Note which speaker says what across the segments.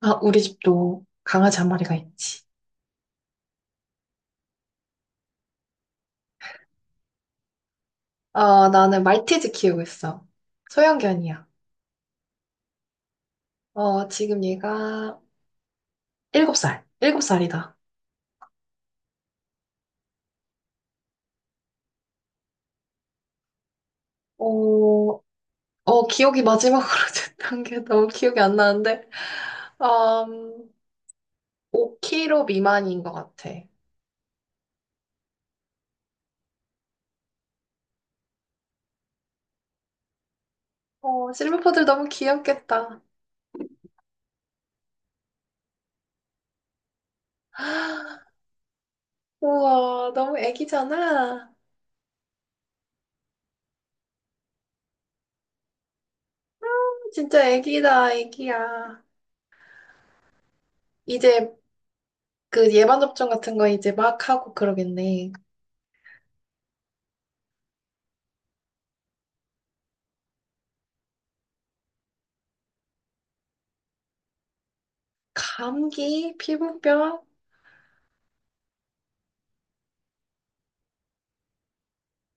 Speaker 1: 아, 우리 집도 강아지 한 마리가 있지. 나는 말티즈 키우고 있어. 소형견이야. 지금 얘가 일곱 살이다. 어, 기억이 마지막으로 됐던 게 너무 기억이 안 나는데, 음, 5 k 로 미만인 것 같아. 실버포들 너무 귀엽겠다. 우와, 너무 애기잖아. 진짜 애기다, 애기야. 이제 그 예방 접종 같은 거 이제 막 하고 그러겠네. 감기, 피부병?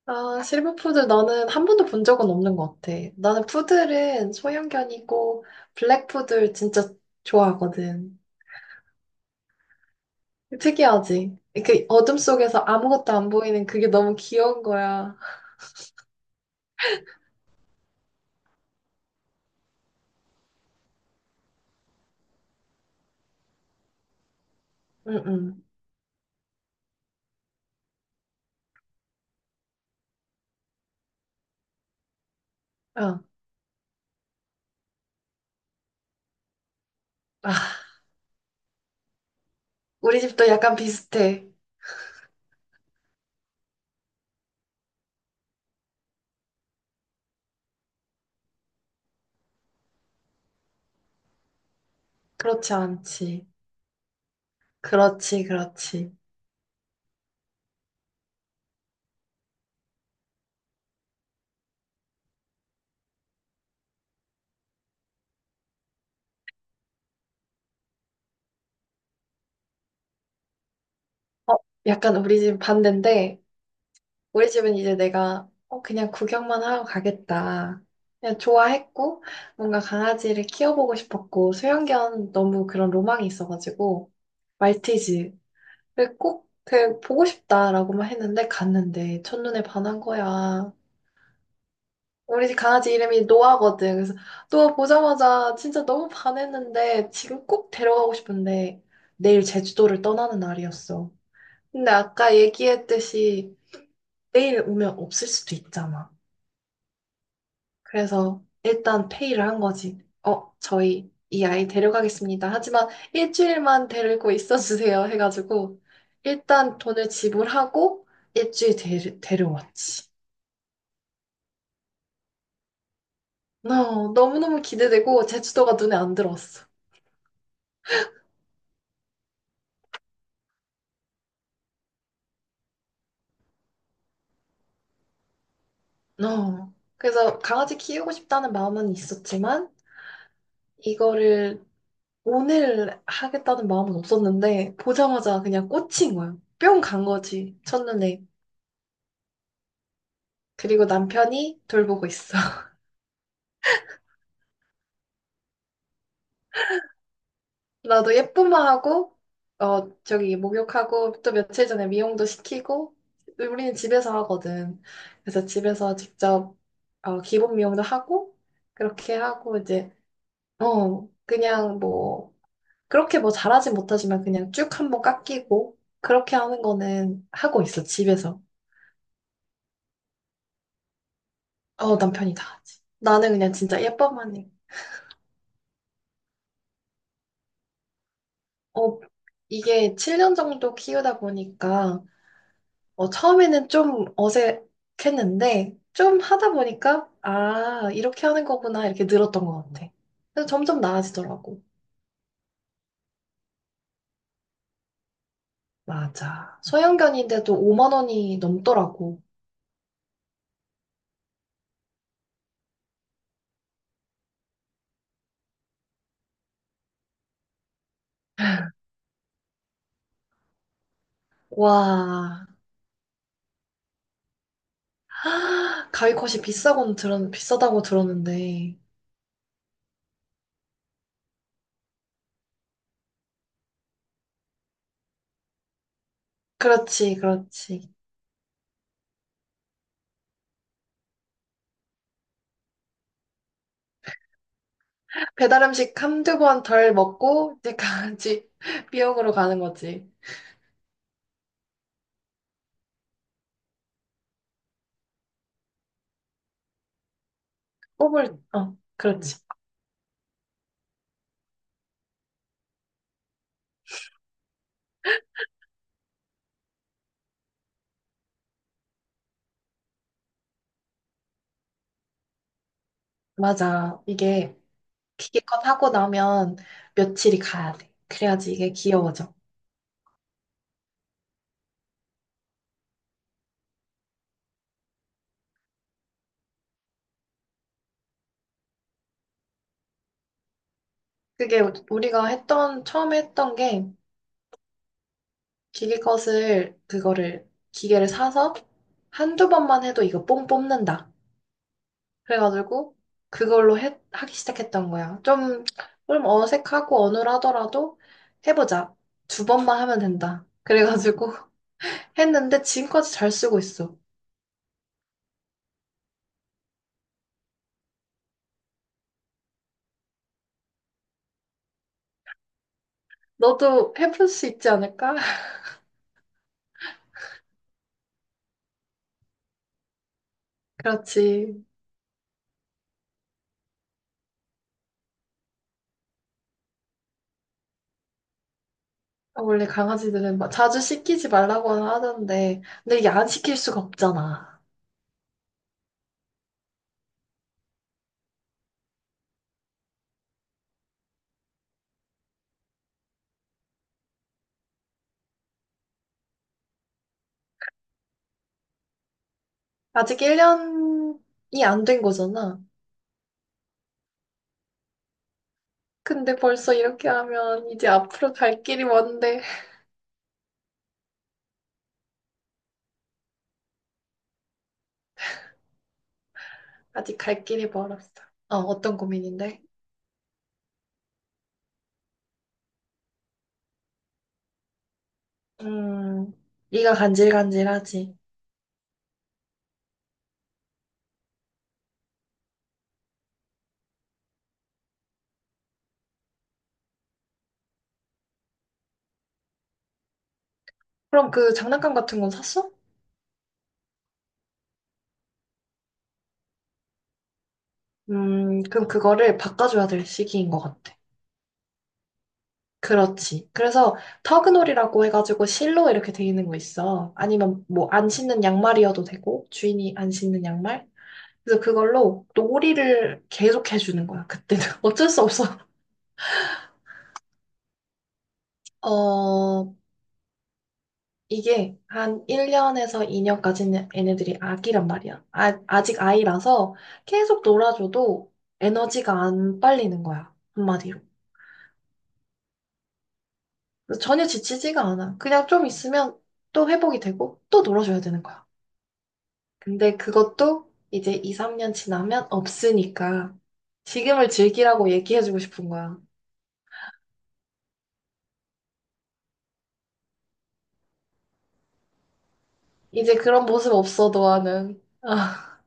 Speaker 1: 아, 실버푸드 나는 한 번도 본 적은 없는 것 같아. 나는 푸들은 소형견이고 블랙푸들 진짜 좋아하거든. 특이하지? 그 어둠 속에서 아무것도 안 보이는 그게 너무 귀여운 거야. 응응. 어. 아, 우리 집도 약간 비슷해. 그렇지 않지. 그렇지, 그렇지. 어, 약간 우리 집 반대인데 우리 집은 이제 내가 그냥 구경만 하러 가겠다. 그냥 좋아했고, 뭔가 강아지를 키워보고 싶었고, 소형견 너무 그런 로망이 있어가지고, 말티즈를 꼭 그, 보고 싶다라고만 했는데, 갔는데, 첫눈에 반한 거야. 우리 집 강아지 이름이 노아거든. 그래서 노아 보자마자 진짜 너무 반했는데, 지금 꼭 데려가고 싶은데, 내일 제주도를 떠나는 날이었어. 근데 아까 얘기했듯이, 내일 오면 없을 수도 있잖아. 그래서 일단 페이를 한 거지. 저희 이 아이 데려가겠습니다. 하지만 일주일만 데리고 있어 주세요. 해가지고 일단 돈을 지불하고 일주일 데려왔지. 너무너무 기대되고 제주도가 눈에 안 들어왔어. 어. 그래서 강아지 키우고 싶다는 마음은 있었지만 이거를 오늘 하겠다는 마음은 없었는데 보자마자 그냥 꽂힌 거예요. 뿅 간 거지. 첫눈에. 그리고 남편이 돌보고 있어. 나도 예쁘만 하고, 저기 목욕하고, 또 며칠 전에 미용도 시키고, 우리는 집에서 하거든. 그래서 집에서 직접, 기본 미용도 하고, 그렇게 하고, 이제, 그냥 뭐, 그렇게 뭐 잘하진 못하지만 그냥 쭉 한번 깎이고, 그렇게 하는 거는 하고 있어, 집에서. 남편이 다 하지. 나는 그냥 진짜 예뻐만 해. 어, 이게 7년 정도 키우다 보니까, 처음에는 좀 어색했는데, 좀 하다 보니까, 아, 이렇게 하는 거구나, 이렇게 늘었던 것 같아. 그래서 점점 나아지더라고. 맞아. 소형견인데도 5만 원이 넘더라고. 와, 하, 가위컷이 비싸다고 들었는데. 그렇지, 그렇지. 배달 음식 한두 번 덜 먹고, 이제 강아지 비용으로 가는 거지. 그렇지. 맞아. 이게 기계컷 하고 나면 며칠이 가야 돼. 그래야지 이게 귀여워져. 그게 우리가 했던, 처음에 했던 게 기계컷을, 그거를, 기계를 사서 한두 번만 해도 이거 뽕 뽑는다. 그래가지고 그걸로 해, 하기 시작했던 거야. 좀, 좀 어색하고 어눌하더라도 해보자. 두 번만 하면 된다. 그래가지고 했는데 지금까지 잘 쓰고 있어. 너도 해볼 수 있지 않을까? 그렇지. 아, 원래 강아지들은 막 자주 시키지 말라고는 하던데, 근데 이게 안 시킬 수가 없잖아. 아직 1년이 안 된 거잖아. 근데 벌써 이렇게 하면 이제 앞으로 갈 길이 먼데, 아직 갈 길이 멀었어. 어떤 고민인데? 음, 이가 간질간질하지. 그럼 그 장난감 같은 건 샀어? 그럼 그거를 바꿔줘야 될 시기인 것 같아. 그렇지. 그래서 터그놀이라고 해가지고 실로 이렇게 돼 있는 거 있어. 아니면 뭐 안 신는 양말이어도 되고 주인이 안 신는 양말. 그래서 그걸로 놀이를 계속 해주는 거야. 그때는 어쩔 수 없어. 어, 이게 한 1년에서 2년까지는 얘네들이 아기란 말이야. 아, 아직 아이라서 계속 놀아줘도 에너지가 안 빨리는 거야. 한마디로. 그래서 전혀 지치지가 않아. 그냥 좀 있으면 또 회복이 되고 또 놀아줘야 되는 거야. 근데 그것도 이제 2, 3년 지나면 없으니까 지금을 즐기라고 얘기해주고 싶은 거야. 이제 그런 모습 없어, 너와는. 아,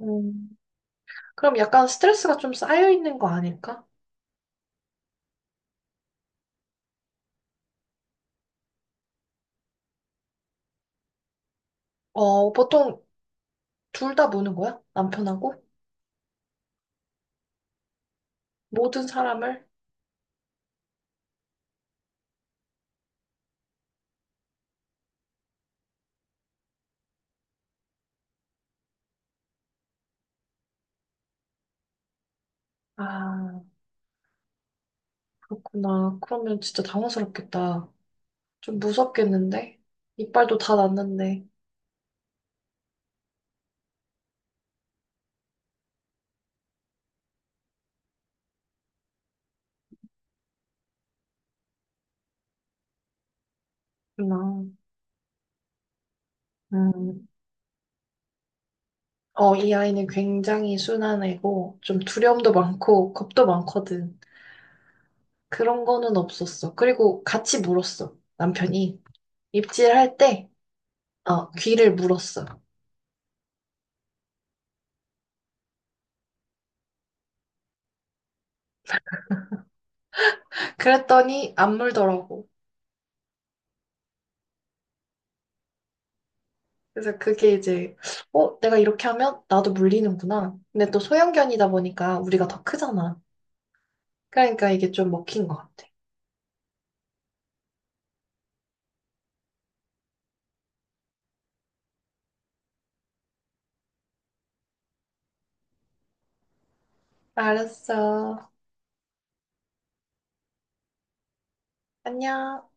Speaker 1: 음. 그럼 약간 스트레스가 좀 쌓여있는 거 아닐까? 보통 둘 다 무는 거야? 남편하고? 모든 사람을? 아, 그렇구나. 그러면 진짜 당황스럽겠다. 좀 무섭겠는데? 이빨도 다 났는데. 그렇구나. 음. 이 아이는 굉장히 순한 애고, 좀 두려움도 많고, 겁도 많거든. 그런 거는 없었어. 그리고 같이 물었어. 남편이 입질할 때 귀를 물었어. 그랬더니 안 물더라고. 그래서 그게 이제 내가 이렇게 하면 나도 물리는구나. 근데 또 소형견이다 보니까 우리가 더 크잖아. 그러니까 이게 좀 먹힌 것 같아. 알았어. 안녕.